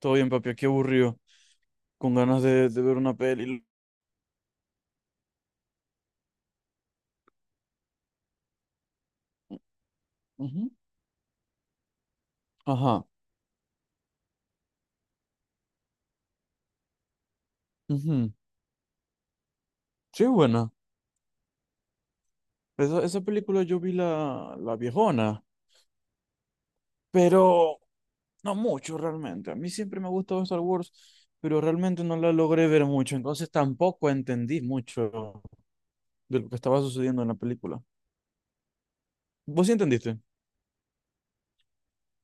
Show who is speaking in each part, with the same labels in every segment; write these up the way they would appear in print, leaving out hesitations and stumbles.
Speaker 1: Todo bien, papi, qué aburrido. Con ganas de ver una peli. Ujú. Ajá. Ujú. Sí, buena. Esa película yo vi la viejona, pero no mucho realmente. A mí siempre me ha gustado Star Wars, pero realmente no la logré ver mucho. Entonces tampoco entendí mucho de lo que estaba sucediendo en la película. ¿Vos sí entendiste?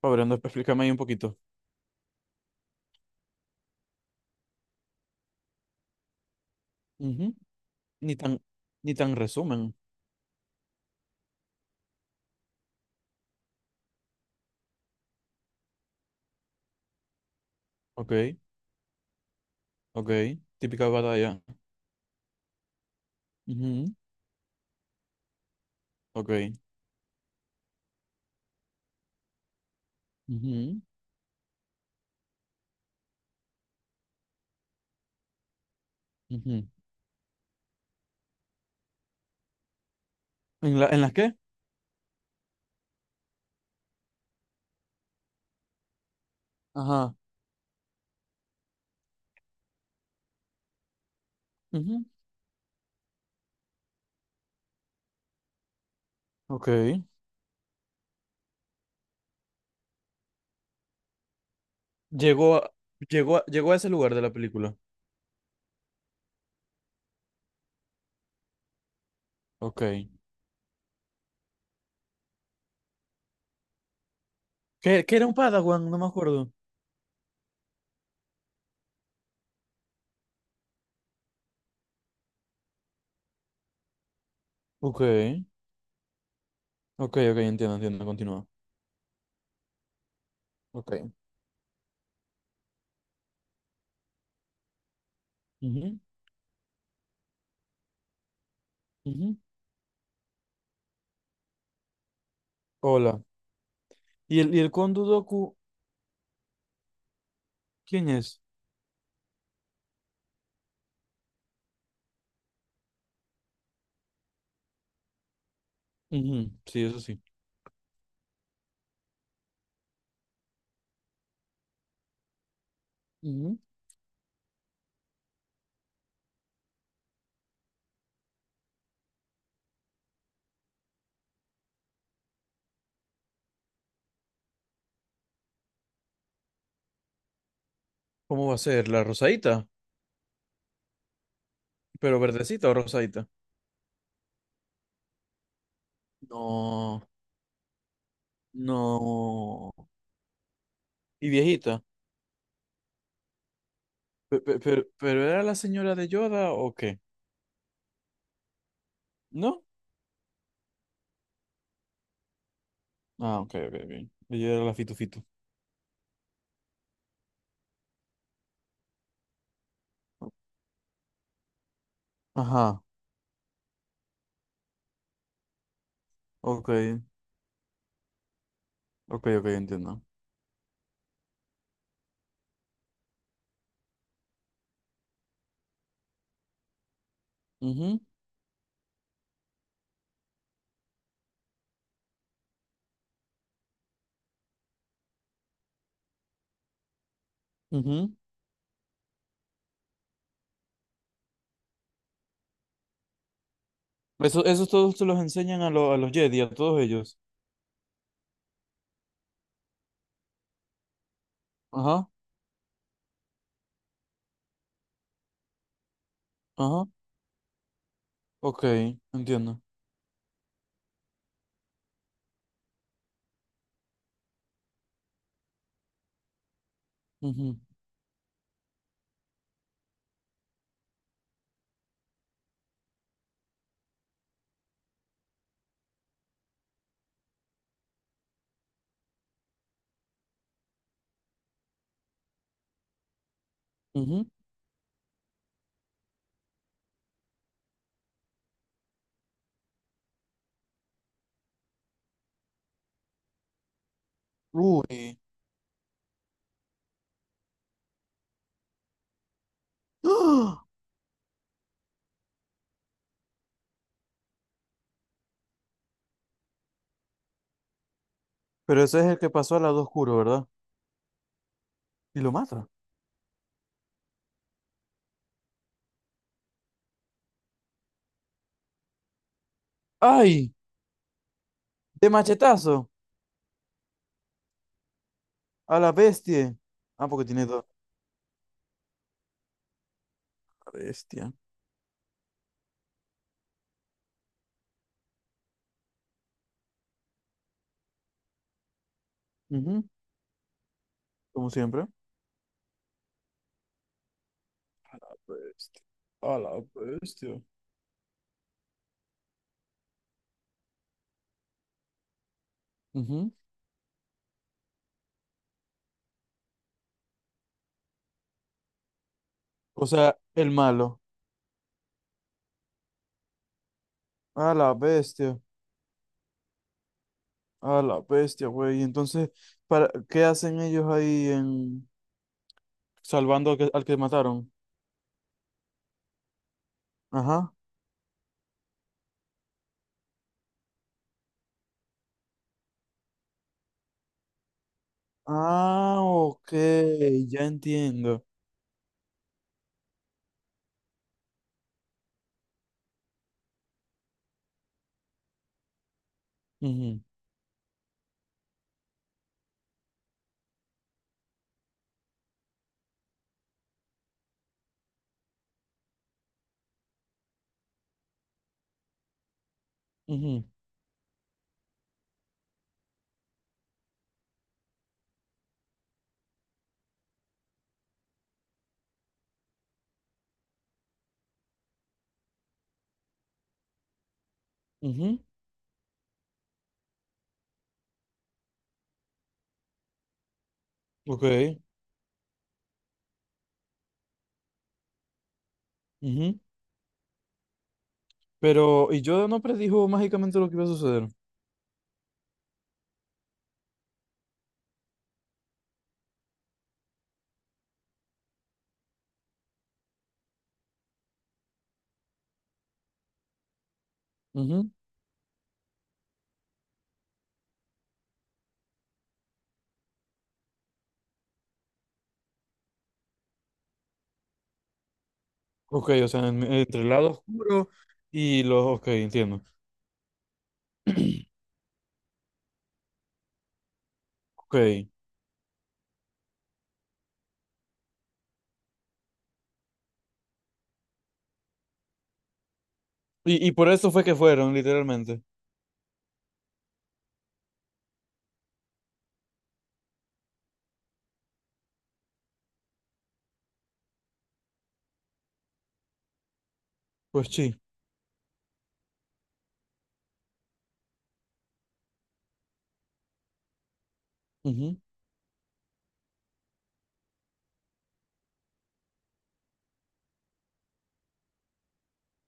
Speaker 1: Fabriano, explícame ahí un poquito. Ujú. Ni tan, ni tan resumen. Ok, ok. Típica batalla. Ujú. Ok. Ujú, ujú. ¿En la, en las qué? Ajá. Ujú. Ok. Llegó a, llegó a ese lugar de la película. Ok. ¿Qué, qué era un Padawan? No me acuerdo. Ok, ok, ok, entiendo, entiendo, continúa. Ok. Ujú, ujú. Hola. Y el Kondudoku, quién es? Ujú. Sí, eso sí. Ujú. ¿Cómo va a ser? ¿La rosadita? ¿Pero verdecita o rosadita? No, no. ¿Y viejita? Pero, ¿pero era la señora de Yoda o qué? ¿No? Ah, ok, ok, ok. Ella era la fitufitu. Ajá, ok, ok, ok, entiendo. Ujú, ujú. Eso, esos todos se los enseñan a los Jedi, a todos ellos. Ajá, ajá, ok, entiendo. Ujú, ujú. Uy. ¡Ah! Pero ese es el que pasó al lado oscuro, ¿verdad? Y lo mata. ¡Ay! De machetazo. A la bestia. Ah, porque tiene dos. La bestia. Ujú. Como siempre. Bestia. A la bestia. Ujú. O sea, el malo. A la bestia, a la bestia, güey. Y entonces, para, ¿qué hacen ellos ahí en salvando al que mataron? Ajá. Ah, ok, ya entiendo. Ujú, ujú, ujú. Ok, ujú. Pero, y yo no predijo mágicamente lo que iba a suceder. Ujú. Ok, o sea, entre el lado oscuro y los. Ok, entiendo. Ok. Y por eso fue que fueron, literalmente. Pues sí. Ujú.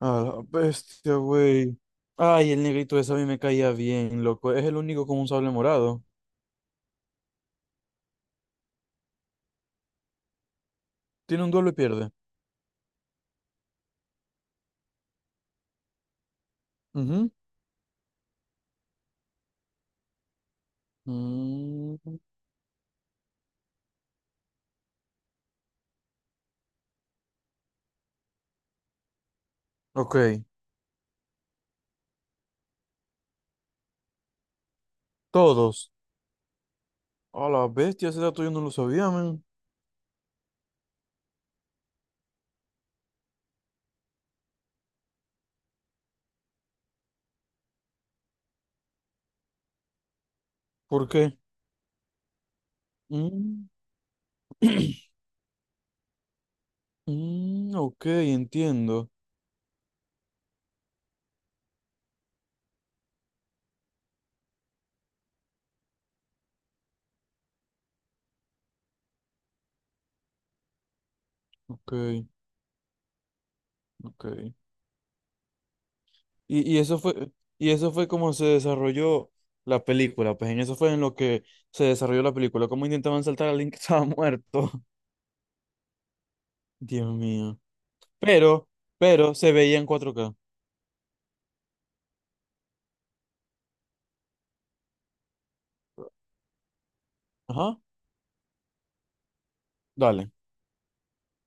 Speaker 1: A la bestia, güey. Ay, el negrito ese a mí me caía bien, loco. Es el único con un sable morado. Tiene un duelo y pierde. Ujú. Mm. Ok, todos. A la bestia, ese dato yo no lo sabía, man. ¿Por qué? Mm, mm, ok, entiendo. Ok, ok. Y, y eso fue, y eso fue como se desarrolló la película, pues en eso fue en lo que se desarrolló la película. Cómo intentaban saltar a alguien que estaba muerto. Dios mío. Pero, pero se veía en 4K. Ajá, dale.